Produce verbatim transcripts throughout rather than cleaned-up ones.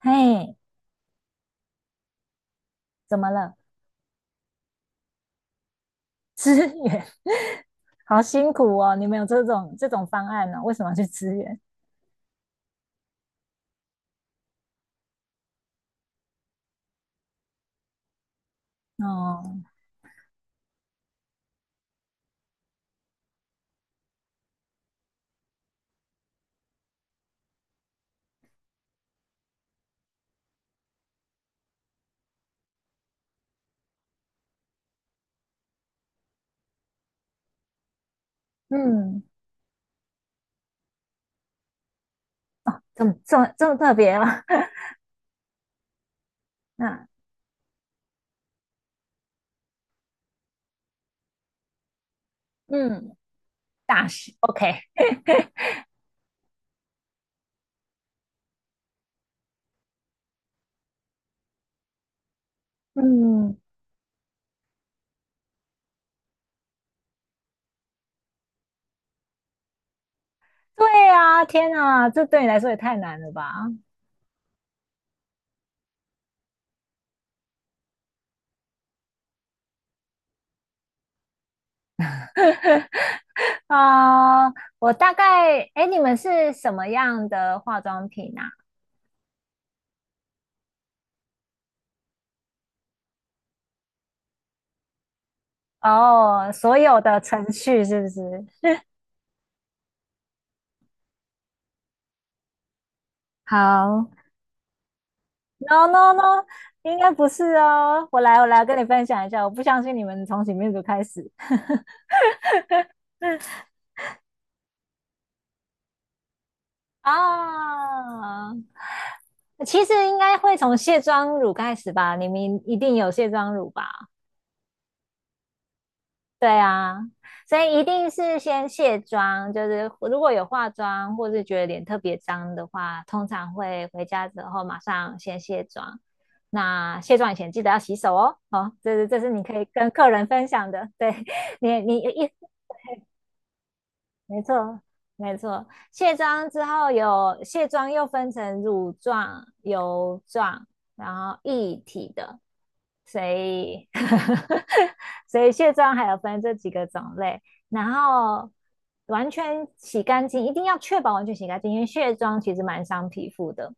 嘿，怎么了？支援，好辛苦哦！你们有这种这种方案呢、为什么要去支援？哦，嗯，这么这么这么特别啊？那嗯，大学 OK，嗯，对啊，天啊，这对你来说也太难了吧？啊、我大概，哎，你们是什么样的化妆品啊？哦，所有的程序是不是？好，No no no，应该不是哦。我来，我来跟你分享一下。我不相信你们从洗面乳开始啊。其实应该会从卸妆乳开始吧？你们一定有卸妆乳吧？对啊，所以一定是先卸妆。就是如果有化妆，或是觉得脸特别脏的话，通常会回家之后马上先卸妆。那卸妆以前记得要洗手哦。好哦，这是这是你可以跟客人分享的。对。 你，你一没错，没错。卸妆之后有卸妆又分成乳状、油状，然后液体的，所以 所以卸妆还有分这几个种类。然后完全洗干净，一定要确保完全洗干净，因为卸妆其实蛮伤皮肤的。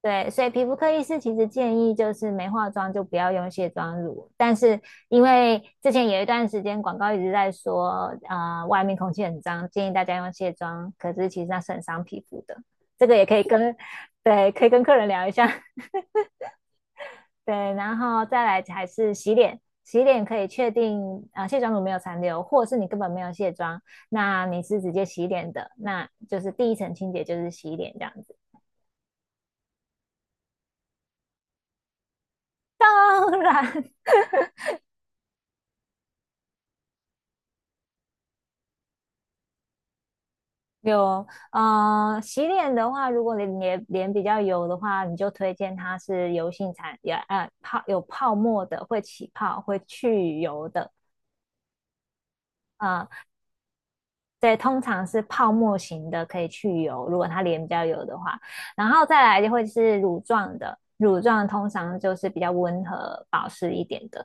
对，所以皮肤科医师其实建议就是没化妆就不要用卸妆乳，但是因为之前有一段时间广告一直在说，啊，外面空气很脏，建议大家用卸妆，可是其实那是很伤皮肤的，这个也可以跟，对，可以跟客人聊一下。对，然后再来还是洗脸，洗脸可以确定啊、呃卸妆乳没有残留，或是你根本没有卸妆，那你是直接洗脸的，那就是第一层清洁就是洗脸这样子。当然。有，嗯呃，洗脸的话，如果你脸脸比较油的话，你就推荐它是油性产，也呃泡有泡沫的，会起泡，会去油的。啊、对，通常是泡沫型的可以去油，如果它脸比较油的话。然后再来就会是乳状的，乳状通常就是比较温和保湿一点的。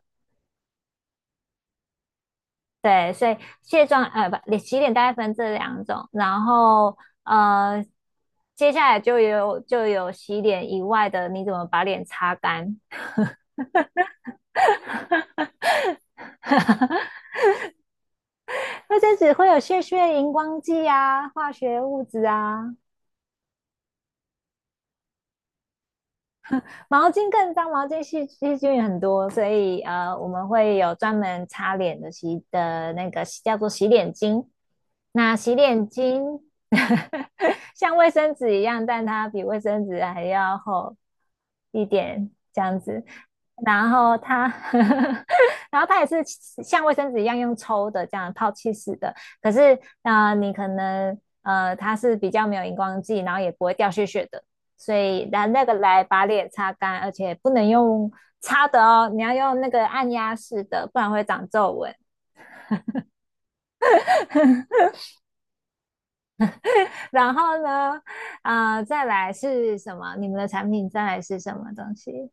对，所以卸妆呃不，洗脸大概分这两种，然后呃，接下来就有就有洗脸以外的，你怎么把脸擦干？卫生只会有屑屑、荧光剂啊、化学物质啊。毛巾更脏，毛巾细细菌很多，所以呃，我们会有专门擦脸的洗的那个叫做洗脸巾。那洗脸巾 像卫生纸一样，但它比卫生纸还要厚一点，这样子。然后它，然后它也是像卫生纸一样用抽的，这样泡气式的。可是，呃，你可能呃，它是比较没有荧光剂，然后也不会掉屑屑的。所以拿那个来把脸擦干，而且不能用擦的哦，你要用那个按压式的，不然会长皱纹。然后呢，啊，再来是什么？你们的产品再来是什么东西？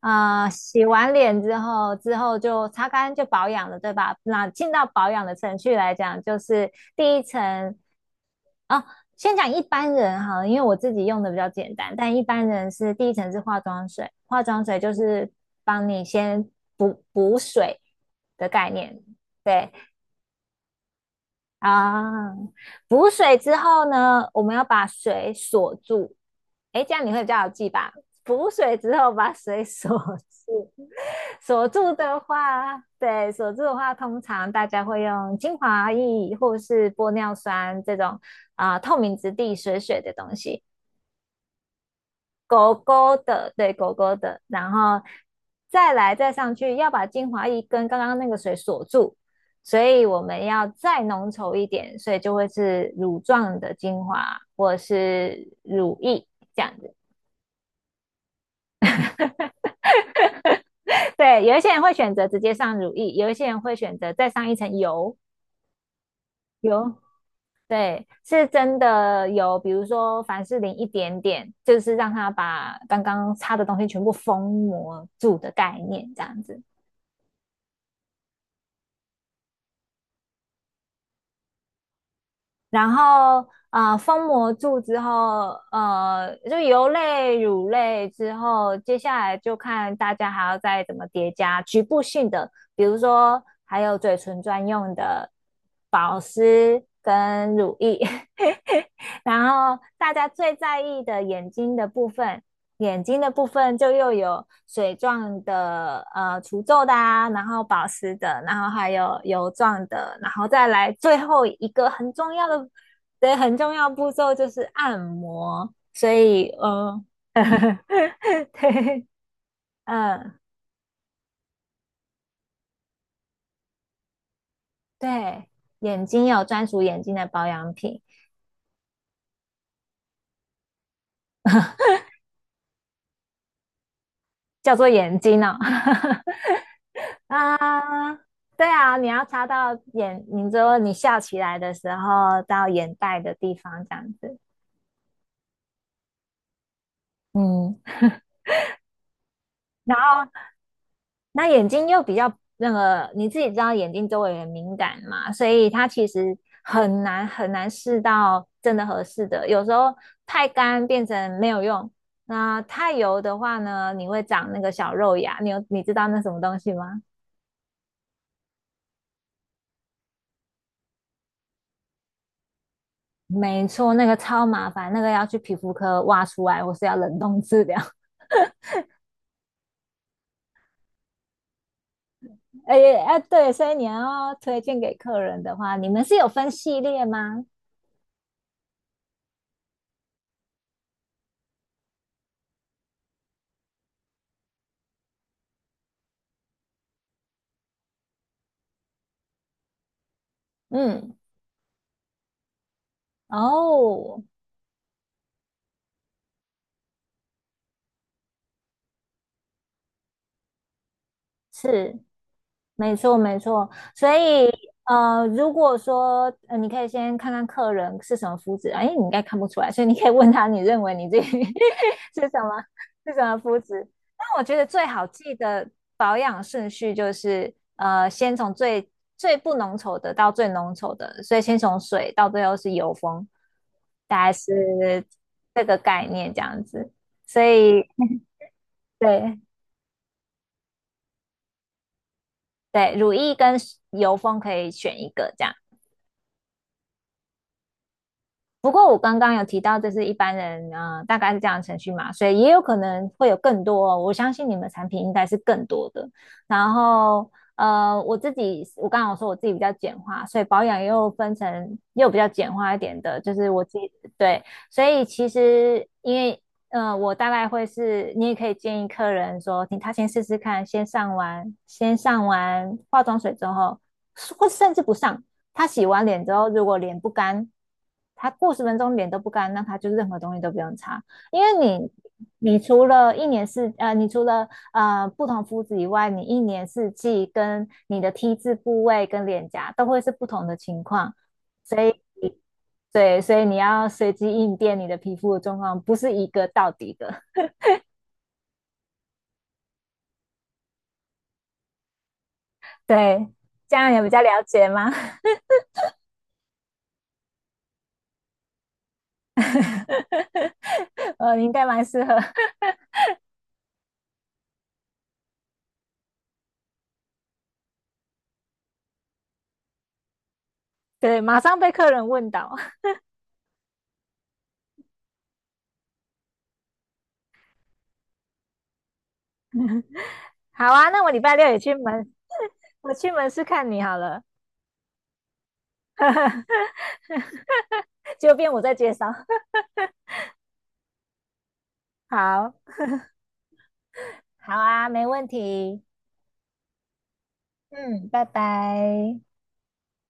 啊、呃洗完脸之后，之后就擦干就保养了，对吧？那进到保养的程序来讲，就是第一层。哦，先讲一般人哈，因为我自己用的比较简单，但一般人是第一层是化妆水，化妆水就是帮你先补补水的概念。对，啊，补水之后呢，我们要把水锁住。诶，这样你会比较好记吧？补水之后把水 锁住，锁住的话，对，锁住的话，通常大家会用精华液或是玻尿酸这种啊、透明质地水水的东西。狗狗的，对，狗狗的，然后再来再上去，要把精华液跟刚刚那个水锁住，所以我们要再浓稠一点，所以就会是乳状的精华或者是乳液这样子。对，有一些人会选择直接上乳液，有一些人会选择再上一层油油。对，是真的有，比如说凡士林一点点，就是让它把刚刚擦的东西全部封膜住的概念，这样子。然后呃，封膜住之后，呃，就油类、乳类之后，接下来就看大家还要再怎么叠加局部性的，比如说还有嘴唇专用的保湿跟乳液，然后大家最在意的眼睛的部分，眼睛的部分就又有水状的、呃除皱的啊，然后保湿的，然后还有油状的，然后再来最后一个很重要的、对，很重要步骤就是按摩。所以，呃，对，嗯，对，眼睛有专属眼睛的保养品，叫做眼睛哦。啊，对啊，你要擦到眼，你说你笑起来的时候到眼袋的地方这样子。嗯，然后那眼睛又比较那个，你自己知道眼睛周围很敏感嘛，所以它其实很难很难试到真的合适的，有时候太干变成没有用，那太油的话呢，你会长那个小肉芽，你有你知道那什么东西吗？没错，那个超麻烦，那个要去皮肤科挖出来，或是要冷冻治疗。哎哎，哎对，所以你要推荐给客人的话，你们是有分系列吗？嗯，哦，是。没错，没错。所以，呃，如果说，呃，你可以先看看客人是什么肤质啊，因为你应该看不出来，所以你可以问他，你认为你自己 是什么是什么肤质？但我觉得最好记的保养顺序就是，呃，先从最最不浓稠的到最浓稠的，所以先从水到最后是油封，大概是这个概念这样子。所以，对，对，乳液跟油封可以选一个这样。不过我刚刚有提到，这是一般人，呃，大概是这样的程序嘛，所以也有可能会有更多哦。我相信你们产品应该是更多的。然后，呃，我自己，我刚刚有说我自己比较简化，所以保养又分成又比较简化一点的，就是我自己对。所以其实因为，呃，我大概会是，你也可以建议客人说，你他先试试看，先上完，先上完化妆水之后，或甚至不上。他洗完脸之后，如果脸不干，他过十分钟脸都不干，那他就任何东西都不用擦，因为你你除了一年四呃，你除了呃不同肤质以外，你一年四季跟你的 T 字部位跟脸颊都会是不同的情况。所以对，所以你要随机应变你的皮肤的状况，不是一个到底的。对，这样有比较了解吗？呃，你应该蛮适合。对，马上被客人问倒。好啊，那我礼拜六也去门，我去门市看你好了，就变我在介绍。好，好啊，没问题。嗯，拜拜。